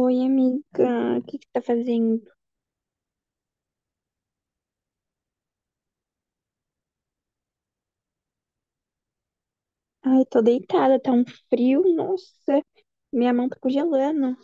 Oi, amiga, o que que tá fazendo? Ai, tô deitada, tá um frio, nossa, minha mão tá congelando.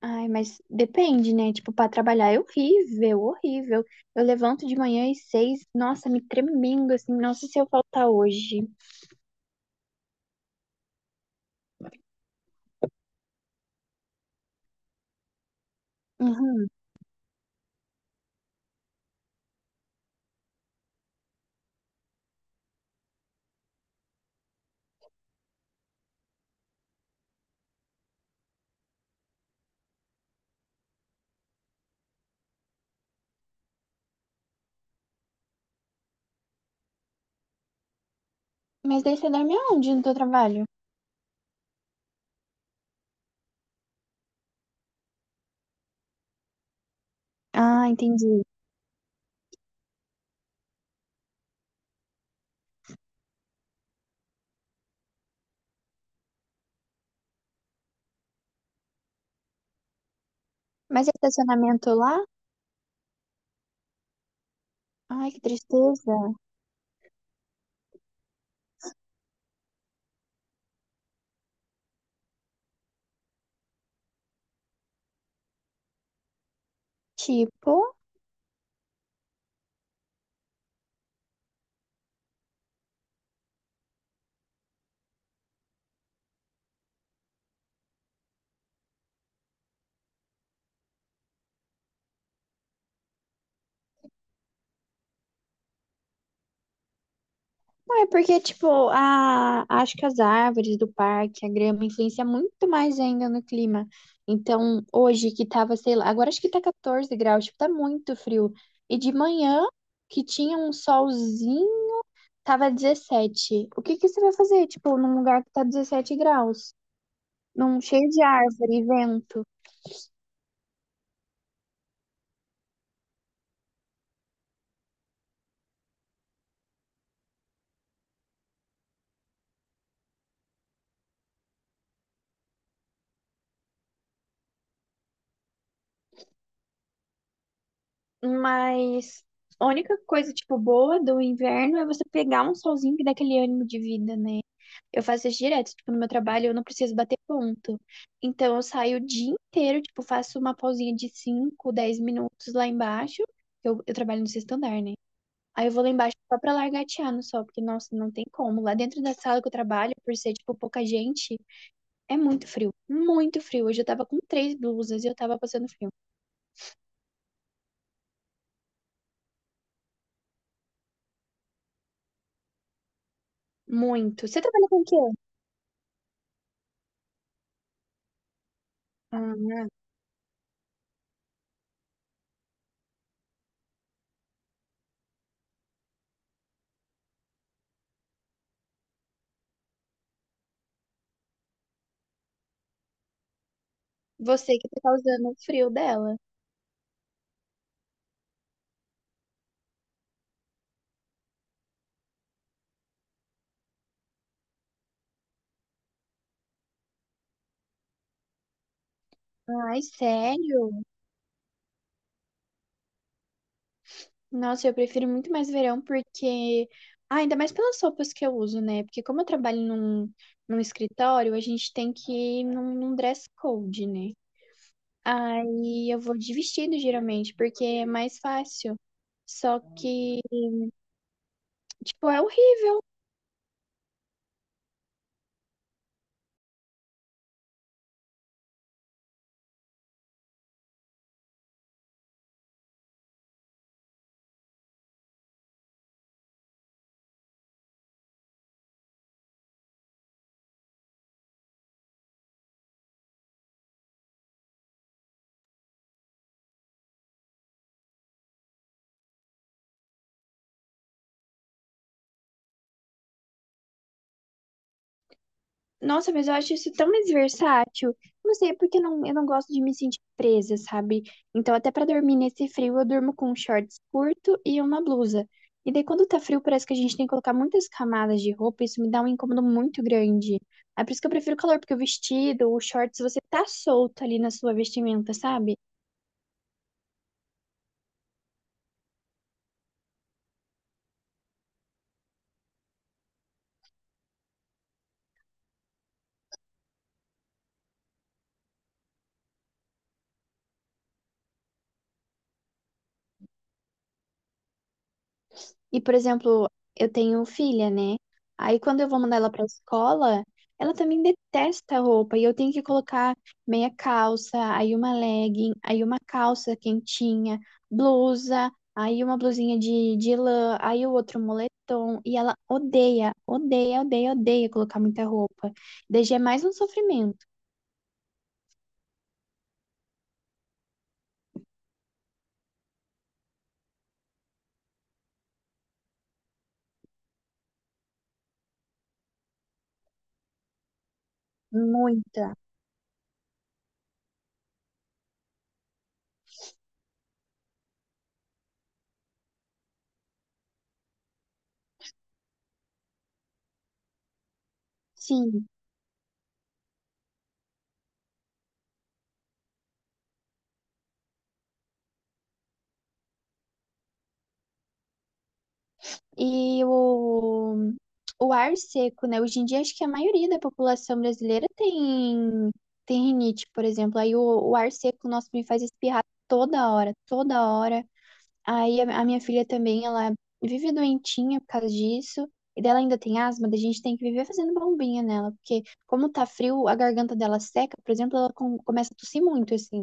Ai, mas depende, né? Tipo, pra trabalhar é horrível, horrível. Eu levanto de manhã às 6, nossa, me tremendo, assim, nossa, se eu faltar hoje. Uhum. Mas daí você dorme aonde no teu trabalho? Ah, entendi. Mas é estacionamento lá? Ai, que tristeza. Tipo? Não, é porque, tipo, acho que as árvores do parque, a grama, influencia muito mais ainda no clima. Então, hoje que tava, sei lá, agora acho que tá 14 graus, tipo, tá muito frio. E de manhã, que tinha um solzinho, tava 17. O que que você vai fazer, tipo, num lugar que tá 17 graus? Num cheio de árvore, vento. Mas a única coisa, tipo, boa do inverno é você pegar um solzinho que dá aquele ânimo de vida, né? Eu faço isso direto, tipo, no meu trabalho eu não preciso bater ponto. Então eu saio o dia inteiro, tipo, faço uma pausinha de 5 10 minutos lá embaixo. Eu trabalho no sexto andar, né? Aí eu vou lá embaixo só pra largatear no sol, porque, nossa, não tem como. Lá dentro da sala que eu trabalho, por ser, tipo, pouca gente, é muito frio. Muito frio. Hoje eu tava com três blusas e eu tava passando frio. Muito. Você trabalha com o quê? Ah. Você que tá causando o frio dela. Ai, sério? Nossa, eu prefiro muito mais verão porque. Ah, ainda mais pelas roupas que eu uso, né? Porque como eu trabalho num escritório, a gente tem que ir num dress code, né? Aí eu vou de vestido geralmente, porque é mais fácil. Só que, tipo, é o Nossa, mas eu acho isso tão mais versátil. Não sei, é porque eu não gosto de me sentir presa, sabe? Então, até pra dormir nesse frio, eu durmo com um shorts curto e uma blusa. E daí, quando tá frio, parece que a gente tem que colocar muitas camadas de roupa. Isso me dá um incômodo muito grande. É por isso que eu prefiro o calor, porque o vestido, o shorts, você tá solto ali na sua vestimenta, sabe? E, por exemplo, eu tenho filha, né? Aí quando eu vou mandar ela pra escola, ela também detesta a roupa e eu tenho que colocar meia calça, aí uma legging, aí uma calça quentinha, blusa, aí uma blusinha de lã, aí o outro moletom. E ela odeia, odeia, odeia, odeia colocar muita roupa. Daí já é mais um sofrimento. Muita. Sim. E o ar seco, né? Hoje em dia, acho que a maioria da população brasileira tem, rinite, por exemplo. Aí o ar seco, nossa, me faz espirrar toda hora, toda hora. Aí a minha filha também, ela vive doentinha por causa disso. E dela ainda tem asma, da gente tem que viver fazendo bombinha nela, porque como tá frio, a garganta dela seca, por exemplo, ela começa a tossir muito, assim.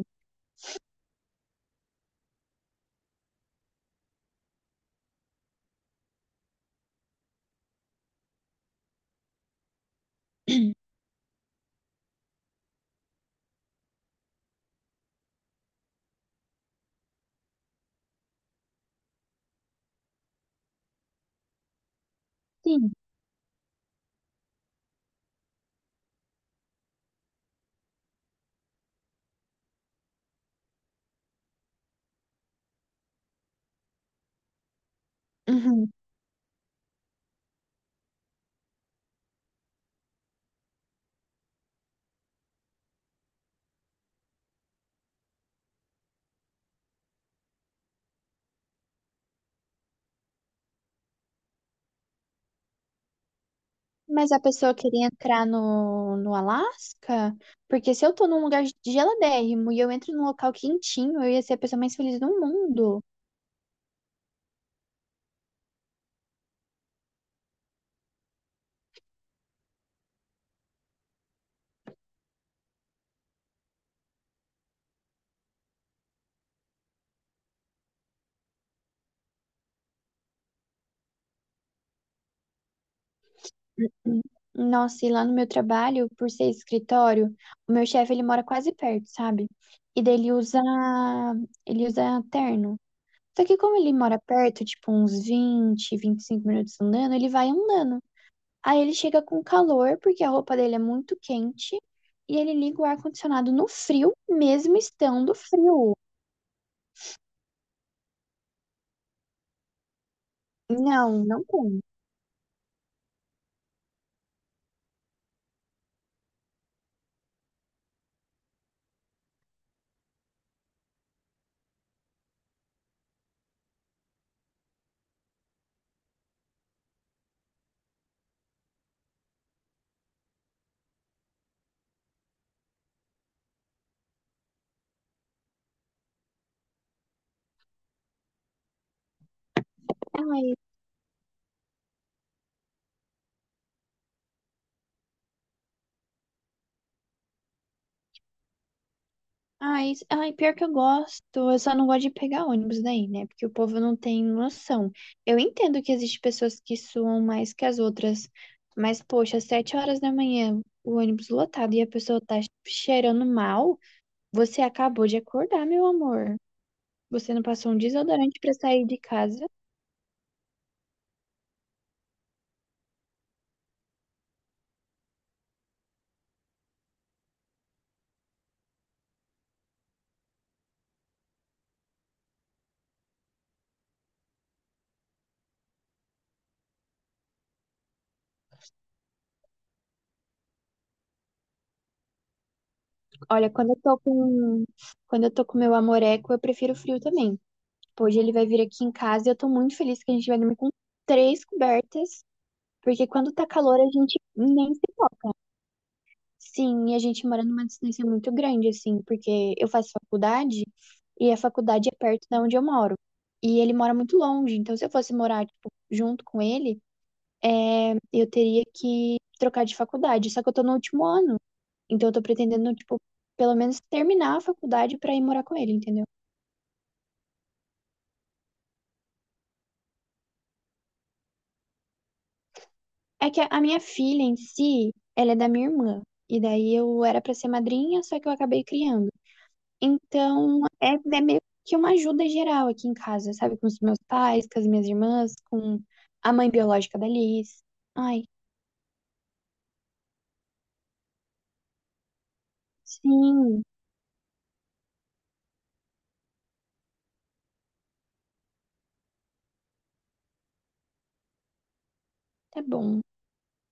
Sim. Uhum. Mas a pessoa queria entrar no Alasca? Porque se eu tô num lugar geladérrimo e eu entro num local quentinho, eu ia ser a pessoa mais feliz do mundo. Nossa, e lá no meu trabalho, por ser escritório, o meu chefe, ele mora quase perto, sabe? E daí ele usa terno. Só que como ele mora perto, tipo uns vinte vinte e cinco minutos andando, ele vai andando. Aí ele chega com calor, porque a roupa dele é muito quente, e ele liga o ar-condicionado no frio, mesmo estando frio. Não, não tem. Ai, ai, ai, pior que eu gosto. Eu só não gosto de pegar ônibus daí, né? Porque o povo não tem noção. Eu entendo que existem pessoas que suam mais que as outras, mas, poxa, às 7 horas da manhã, o ônibus lotado e a pessoa tá cheirando mal, você acabou de acordar, meu amor. Você não passou um desodorante pra sair de casa. Olha, quando eu tô com meu amoreco, eu prefiro frio também. Tipo, hoje ele vai vir aqui em casa e eu tô muito feliz que a gente vai dormir com três cobertas, porque quando tá calor a gente nem se toca. Sim, e a gente mora numa distância muito grande, assim, porque eu faço faculdade e a faculdade é perto da onde eu moro. E ele mora muito longe, então se eu fosse morar, tipo, junto com ele, é, eu teria que trocar de faculdade. Só que eu tô no último ano. Então eu tô pretendendo, tipo, pelo menos terminar a faculdade pra ir morar com ele, entendeu? É que a minha filha em si, ela é da minha irmã. E daí eu era pra ser madrinha, só que eu acabei criando. Então é meio que uma ajuda geral aqui em casa, sabe? Com os meus pais, com as minhas irmãs, com a mãe biológica da Liz. Ai, sim, tá bom.